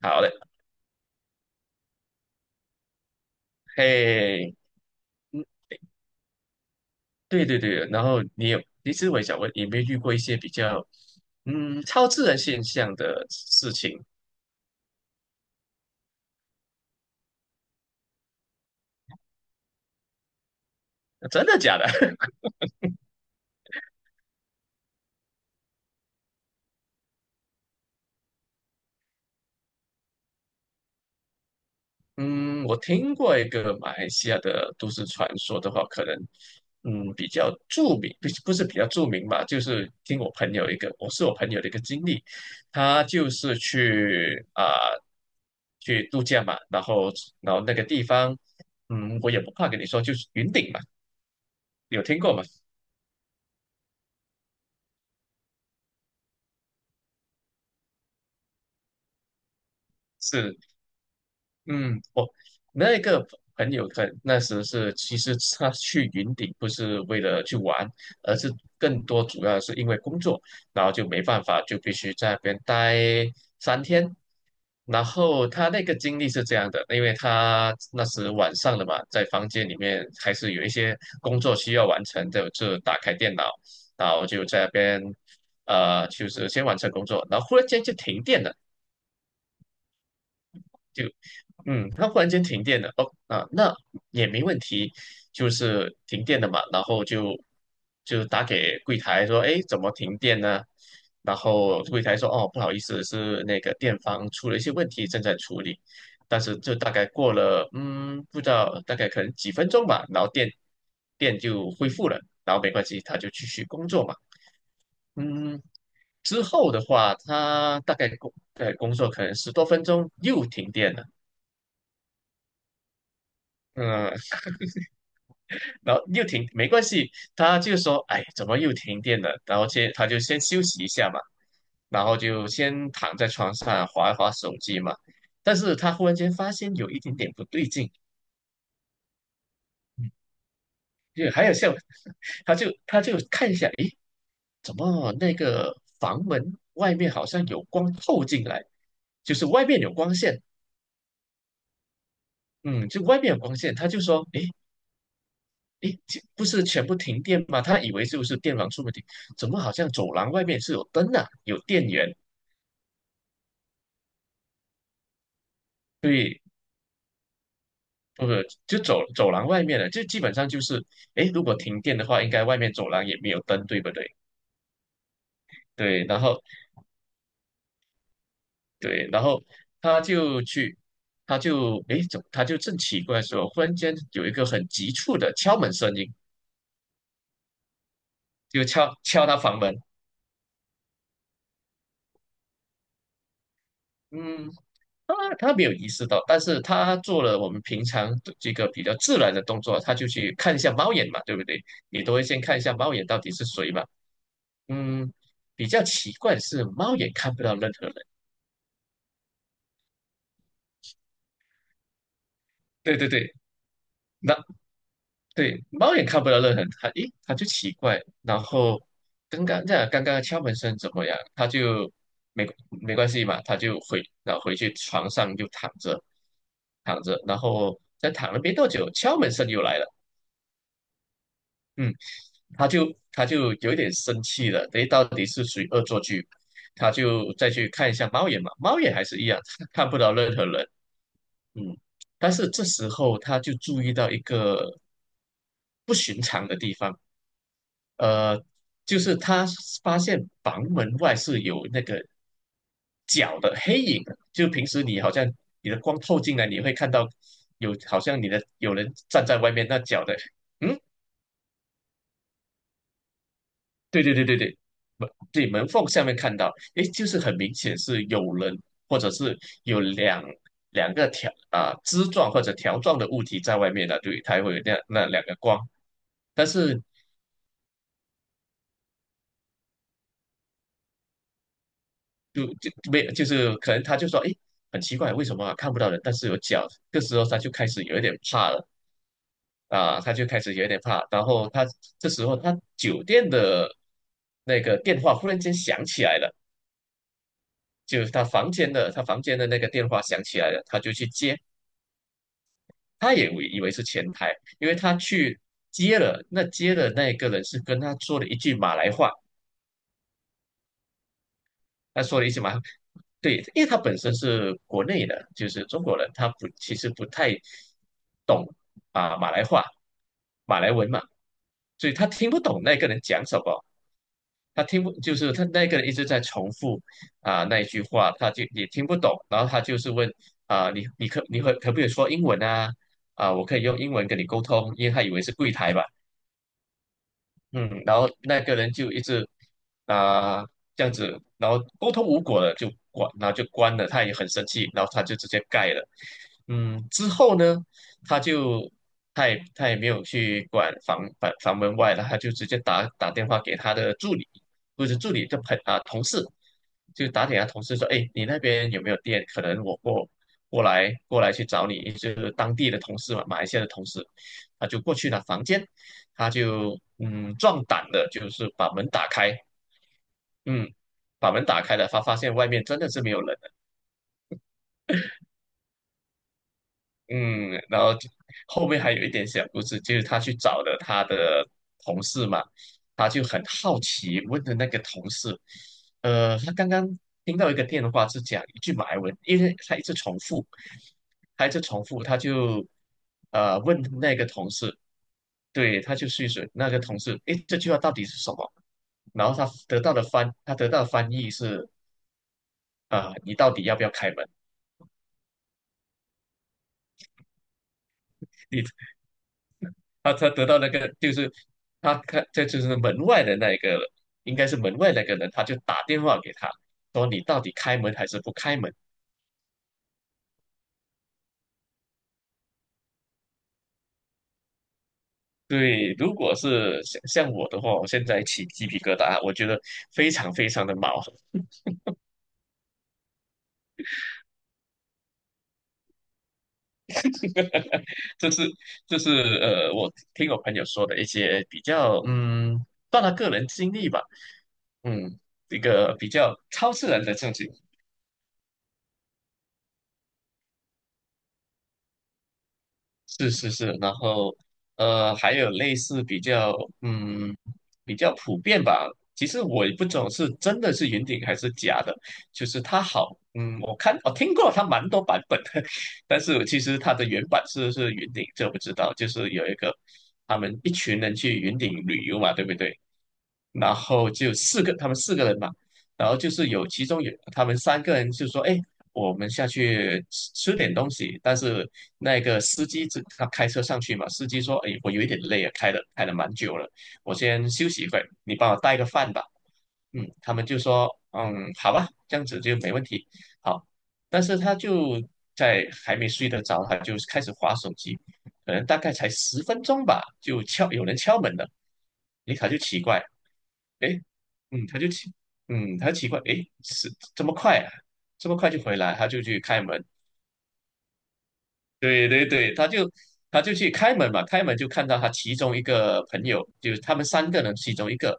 好嘞，嘿，嗯，对对对。然后你有，其实我也想问，你有没有遇过一些比较超自然现象的事情？真的假的？嗯，我听过一个马来西亚的都市传说的话，可能，比较著名。不是比较著名吧，就是听我朋友一个，我是我朋友的一个经历。他就是去度假嘛，然后那个地方，嗯，我也不怕跟你说，就是云顶嘛。有听过吗？是。嗯，我那个朋友可那时是，其实他去云顶不是为了去玩，而是更多主要是因为工作，然后就没办法，就必须在那边待3天。然后他那个经历是这样的，因为他那时晚上了嘛，在房间里面还是有一些工作需要完成的，就打开电脑，然后就在那边，就是先完成工作，然后忽然间就停电了。就。嗯，它忽然间停电了。哦，啊，那也没问题，就是停电了嘛，然后就打给柜台说，哎，怎么停电呢？然后柜台说，哦，不好意思，是那个电房出了一些问题，正在处理。但是就大概过了，不知道大概可能几分钟吧，然后电就恢复了。然后没关系，他就继续工作嘛。嗯。之后的话，他大概在工作可能10多分钟又停电了。嗯。然后又停，没关系，他就说，哎，怎么又停电了？然后他就先休息一下嘛，然后就先躺在床上划一划手机嘛。但是他忽然间发现有一点点不对劲。嗯，就还有像，他就看一下。诶，怎么那个房门外面好像有光透进来，就是外面有光线。嗯，就外面有光线。他就说，诶，诶，这不是全部停电吗？他以为就是电网出问题，怎么好像走廊外面是有灯啊，有电源？对，不是，就走廊外面了。就基本上就是，诶，如果停电的话，应该外面走廊也没有灯，对不对？对，然后对，然后他就去。他就诶，怎么他就正奇怪的时候，忽然间有一个很急促的敲门声音，就敲他房门。嗯，他没有意识到，但是他做了我们平常的这个比较自然的动作，他就去看一下猫眼嘛，对不对？你都会先看一下猫眼到底是谁嘛。嗯，比较奇怪的是猫眼看不到任何人。对对对。那，对，猫眼看不到任何人。他就奇怪。然后刚刚的敲门声怎么样？他就没没关系嘛，他就回然后回去床上就躺着躺着。然后再躺了没多久，敲门声又来了。嗯。他就有一点生气了，等于到底是谁恶作剧？他就再去看一下猫眼嘛，猫眼还是一样，看不到任何人。嗯，但是这时候他就注意到一个不寻常的地方，呃，就是他发现房门外是有那个脚的黑影的。就平时你好像你的光透进来，你会看到有好像你的有人站在外面，那脚的。嗯，对对对对对。门缝下面看到，诶，就是很明显是有人，或者是有两个条啊、枝状或者条状的物体在外面的。对，它会有那两个光。但是没有，就是可能他就说，诶，很奇怪，为什么看不到人，但是有脚？这时候他就开始有一点怕了。啊、他就开始有一点怕，然后他这时候他酒店的那个电话忽然间响起来了。就是他房间的，那个电话响起来了，他就去接。他也以为是前台，因为他去接的那个人是跟他说了一句马来话。他说了一句马来，对，因为他本身是国内的，就是中国人。他不其实不太懂啊、马来话、马来文嘛。所以他听不懂那个人讲什么。他听不就是他那个人一直在重复那一句话，他就也听不懂。然后他就是问，你你可你可可不可以说英文啊？我可以用英文跟你沟通，因为他以为是柜台吧。嗯，然后那个人就一直啊、这样子。然后沟通无果了，然后就关了。他也很生气，然后他就直接盖了。嗯，之后呢，他就他也没有去管房门外了。他就直接打电话给他的助理，或者助理就朋啊同事。就打给他同事说，哎，你那边有没有电？可能我过来去找你。就是当地的同事嘛，马来西亚的同事。他就过去了房间。他就壮胆的，就是把门打开。嗯，把门打开了，他发现外面真的是没有人。嗯，然后就后面还有一点小故事，就是他去找了他的同事嘛。他就很好奇问的那个同事，他刚刚听到一个电话是讲一句马来文，因为他一直重复，他一直重复。他就问那个同事。对，他就去试那个同事，诶，这句话到底是什么？然后他得到的翻译是，你到底要不要开门？你？他得到那个就是他看这就是门外的那一个，应该是门外那个人。他就打电话给他，说你到底开门还是不开门？对，如果是像我的话，我现在起鸡皮疙瘩，我觉得非常非常的毛。这是这是我听我朋友说的一些比较，嗯，算他个人经历吧。嗯，一个比较超自然的事情。是是是。然后还有类似比较嗯比较普遍吧。其实我也不懂是真的是云顶还是假的。就是它好，嗯，我听过它蛮多版本的。但是其实它的原版是云顶，这我不知道。就是有一个他们一群人去云顶旅游嘛，对不对？然后就四个，他们4个人嘛。然后就是其中有他们三个人就说，哎，我们下去吃吃点东西。但是那个司机他开车上去嘛。司机说：“哎，我有一点累啊，开了蛮久了，我先休息一会，你帮我带个饭吧。”嗯，他们就说：“嗯，好吧，这样子就没问题。”好。但是他就在还没睡得着，他就开始划手机。可能大概才10分钟吧，有人敲门了。诶，他就奇怪。诶，嗯，他奇怪，诶，是这么快啊？这么快就回来，他就去开门。对对对，他就去开门嘛。开门就看到他其中一个朋友，就是他们3个人其中一个。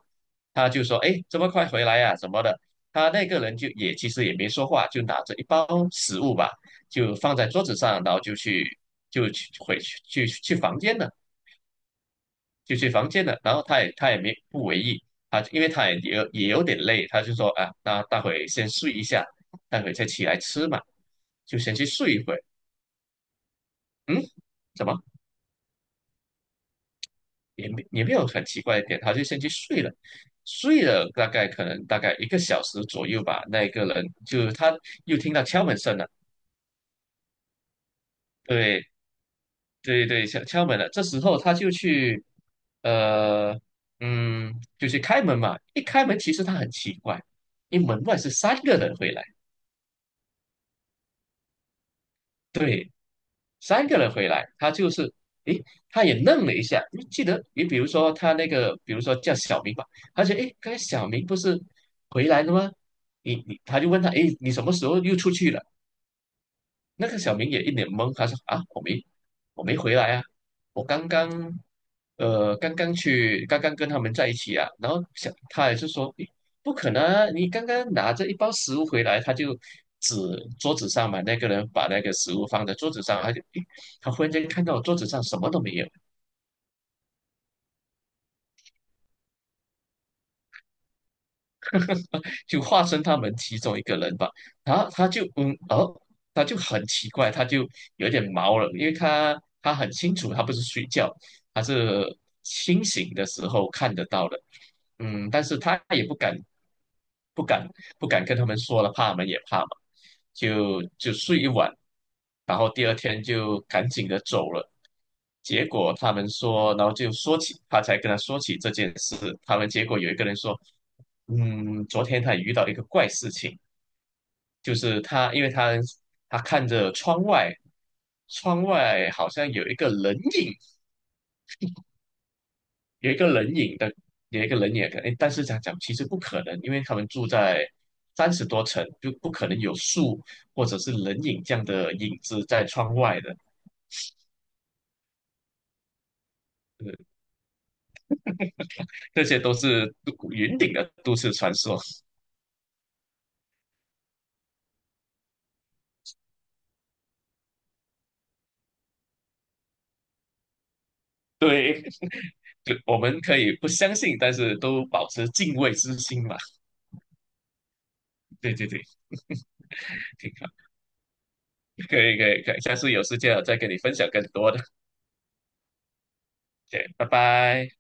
他就说：“哎，这么快回来呀、什么的。”他那个人就也其实也没说话，就拿着一包食物吧，就放在桌子上，然后就去就去回去去去房间了。然后他也没不为意。他因为他也有有点累，他就说：“啊，那待会先睡一下，待会再起来吃嘛，就先去睡一会。”嗯，怎么？也没有很奇怪的点，他就先去睡了。睡了大概1个小时左右吧。那个人就他又听到敲门声了。对对对，敲敲门了。这时候他就去，呃，嗯，就去开门嘛。一开门，其实他很奇怪，因为门外是三个人回来。对，三个人回来，他诶，他也愣了一下。就记得比如说他那个，比如说叫小明吧。他觉得诶，刚才小明不是回来了吗？他就问他，诶，你什么时候又出去了？那个小明也一脸懵，他说啊，我没回来啊。我刚刚呃刚刚去刚刚跟他们在一起啊。然后想他也是说，诶，不可能啊，你刚刚拿着一包食物回来。他就指桌子上嘛。那个人把那个食物放在桌子上，他就诶他忽然间看到我桌子上什么都没有。就化身他们其中一个人吧。然后他就他就很奇怪，他就有点毛了，因为他他很清楚，他不是睡觉，他是清醒的时候看得到的。嗯，但是他也不敢不敢跟他们说了，怕他们也怕嘛，就睡一晚。然后第二天就赶紧的走了。结果他们说，然后就说起，他才跟他说起这件事。他们结果有一个人说，嗯，昨天他也遇到一个怪事情。就是他因为他看着窗外。窗外好像有一个人影，有一个人影的，有一个人影的可能。诶，但是讲其实不可能，因为他们住在30多层，就不可能有树或者是人影这样的影子在窗外的。呃，这些都是云顶的都市传说。对，就我们可以不相信，但是都保持敬畏之心嘛。对对对，挺好，可以可以可以，下次有时间我再跟你分享更多的。对，拜拜。